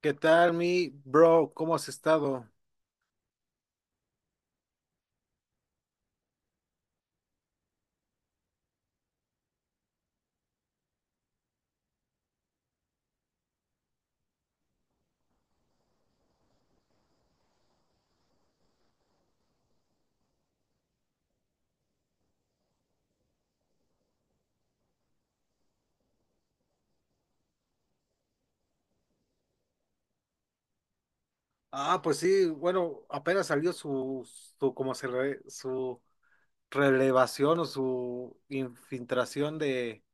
¿Qué tal, mi bro? ¿Cómo has estado? Ah, pues sí, bueno, apenas salió su, su relevación o su infiltración de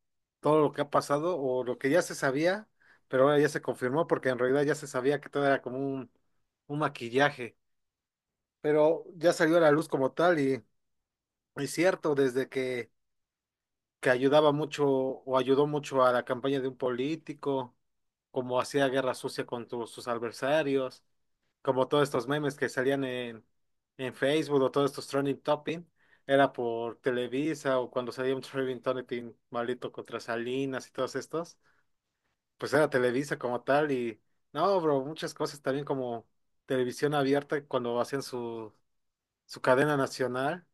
todo lo que ha pasado o lo que ya se sabía, pero ahora ya se confirmó porque en realidad ya se sabía que todo era como un maquillaje, pero ya salió a la luz como tal y es cierto, que ayudaba mucho o ayudó mucho a la campaña de un político, como hacía guerra sucia con sus adversarios, como todos estos memes que salían en Facebook o todos estos trending topic, era por Televisa, o cuando salía un trending topic maldito contra Salinas y todos estos, pues era Televisa como tal. Y no, bro, muchas cosas también como televisión abierta cuando hacían su, su cadena nacional,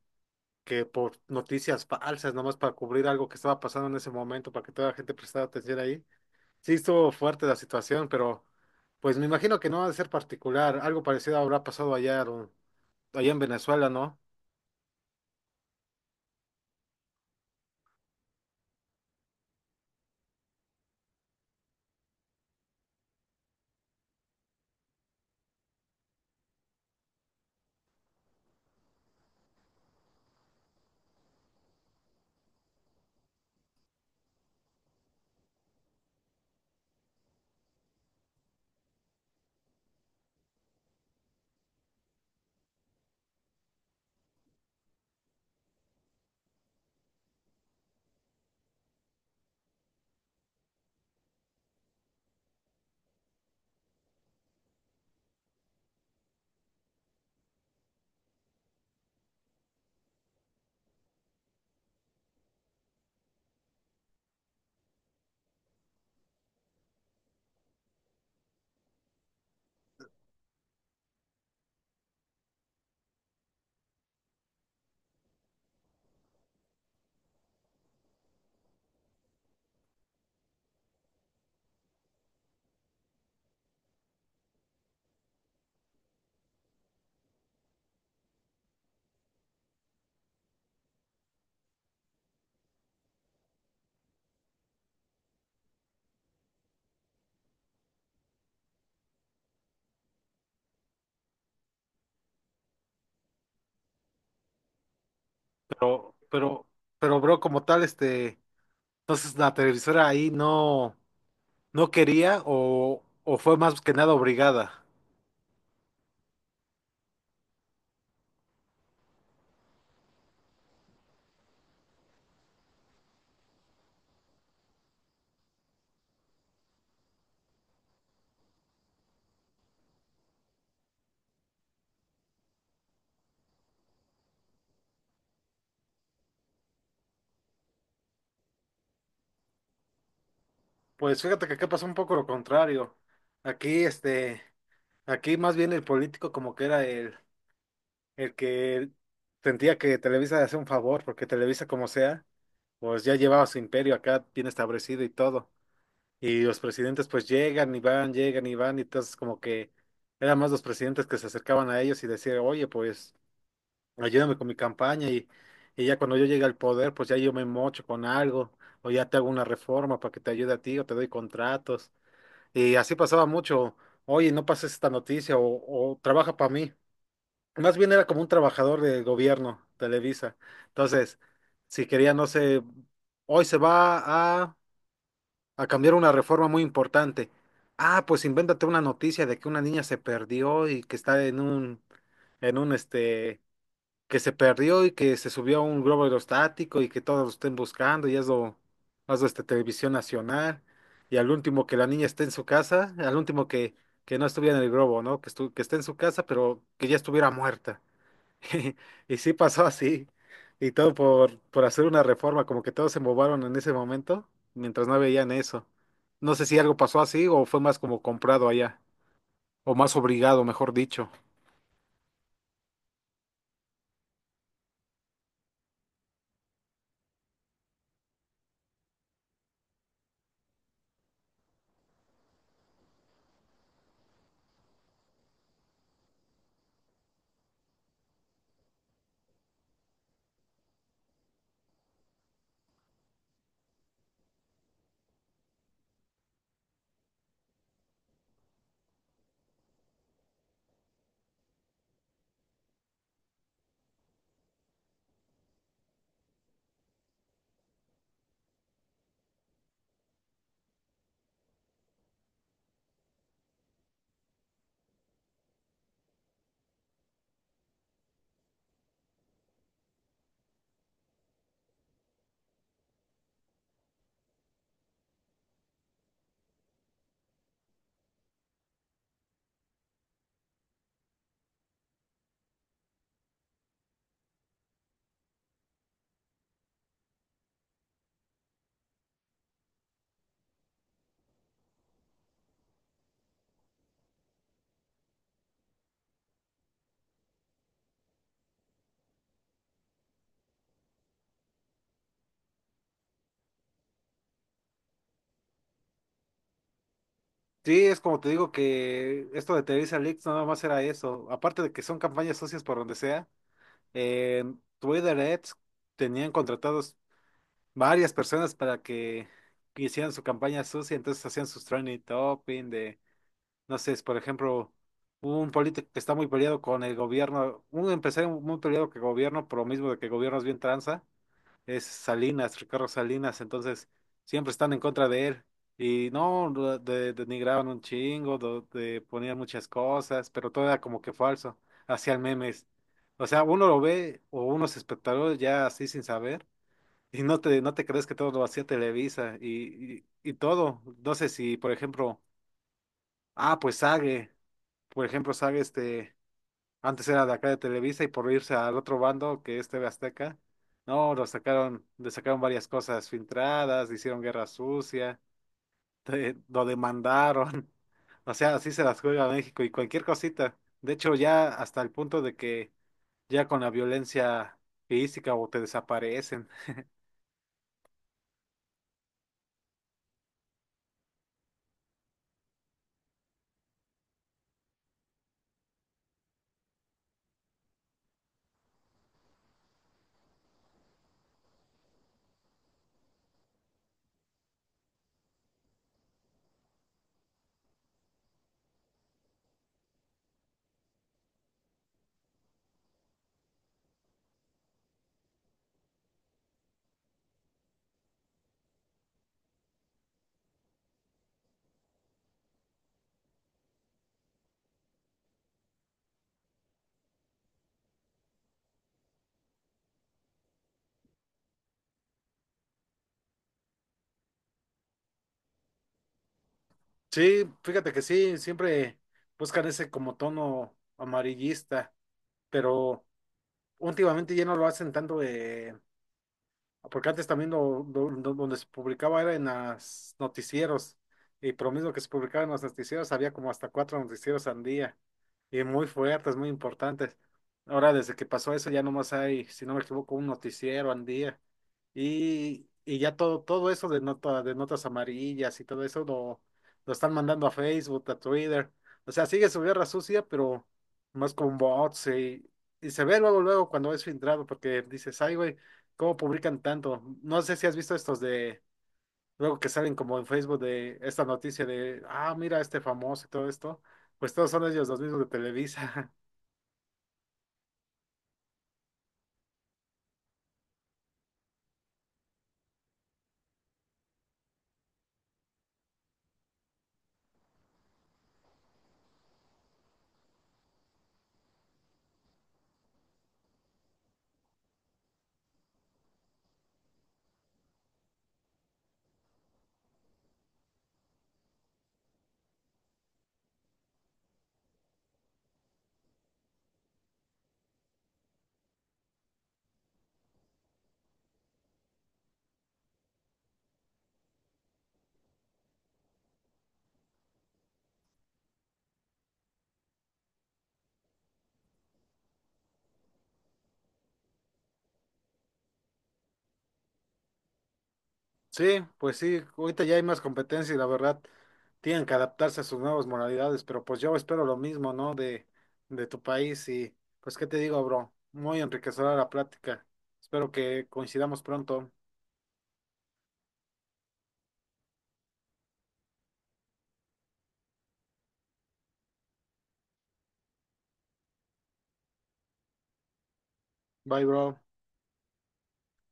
que por noticias falsas, nomás para cubrir algo que estaba pasando en ese momento, para que toda la gente prestara atención ahí. Sí, estuvo fuerte la situación, pero pues me imagino que no va a ser particular, algo parecido habrá pasado allá, Aaron, allá en Venezuela, ¿no? Pero, pero, pero, bro, como tal, este, entonces la televisora ahí no, no quería o fue más que nada obligada. Pues fíjate que acá pasó un poco lo contrario. Aquí, este, aquí más bien el político como que era el que sentía que Televisa le hacía un favor, porque Televisa, como sea, pues ya llevaba su imperio acá bien establecido y todo. Y los presidentes pues llegan y van, y entonces como que eran más los presidentes que se acercaban a ellos y decían, oye, pues ayúdame con mi campaña y ya cuando yo llegue al poder, pues ya yo me mocho con algo, o ya te hago una reforma para que te ayude a ti, o te doy contratos. Y así pasaba mucho. Oye, no pases esta noticia o trabaja para mí. Más bien era como un trabajador del gobierno, Televisa. Entonces, si quería, no sé, hoy se va a cambiar una reforma muy importante. Ah, pues invéntate una noticia de que una niña se perdió y que está en un, en un este, que se perdió y que se subió a un globo aerostático y que todos lo estén buscando, y hazlo, hazlo este televisión nacional. Y al último que la niña esté en su casa, al último que no estuviera en el globo, ¿no? Que esté en su casa, pero que ya estuviera muerta. Y sí pasó así. Y todo por hacer una reforma, como que todos se movaron en ese momento, mientras no veían eso. No sé si algo pasó así o fue más como comprado allá, o más obligado, mejor dicho. Sí, es como te digo, que esto de Televisa Leaks no nada más era eso. Aparte de que son campañas socias por donde sea, en Twitter Ads tenían contratados varias personas para que hicieran su campaña sucia, entonces hacían sus trending topping de... No sé, es, por ejemplo, un político que está muy peleado con el gobierno, un empresario muy peleado con el gobierno, por lo mismo de que el gobierno es bien tranza, es Salinas, Ricardo Salinas, entonces siempre están en contra de él. Y no, denigraban un chingo, ponían muchas cosas, pero todo era como que falso, hacían memes. O sea, uno lo ve, o unos espectadores ya así sin saber, y no te crees que todo lo hacía Televisa y todo. No sé si, por ejemplo, ah, pues Sage, por ejemplo, sabe, este, antes era de acá de Televisa y por irse al otro bando, que es TV Azteca, no, lo sacaron, le sacaron varias cosas filtradas, hicieron guerra sucia, lo demandaron, o sea, así se las juega México y cualquier cosita. De hecho, ya hasta el punto de que ya con la violencia física o te desaparecen. Sí, fíjate que sí, siempre buscan ese como tono amarillista, pero últimamente ya no lo hacen tanto. Porque antes también donde se publicaba era en los noticieros. Y por lo mismo que se publicaba en los noticieros, había como hasta cuatro noticieros al día. Y muy fuertes, muy importantes. Ahora, desde que pasó eso, ya nomás hay, si no me equivoco, un noticiero al día. Y ya todo, todo eso de nota, de notas amarillas y todo eso lo están mandando a Facebook, a Twitter. O sea, sigue su guerra sucia, pero más con bots y se ve luego, luego cuando es filtrado, porque dices, ay, güey. ¿Cómo publican tanto? No sé si has visto estos de, luego que salen como en Facebook, de esta noticia de, ah, mira este famoso y todo esto. Pues todos son ellos, los mismos de Televisa. Sí, pues sí, ahorita ya hay más competencia y la verdad tienen que adaptarse a sus nuevas modalidades, pero pues yo espero lo mismo, ¿no? De tu país. Y pues qué te digo, bro, muy enriquecedora la plática. Espero que coincidamos pronto. Bye, bro.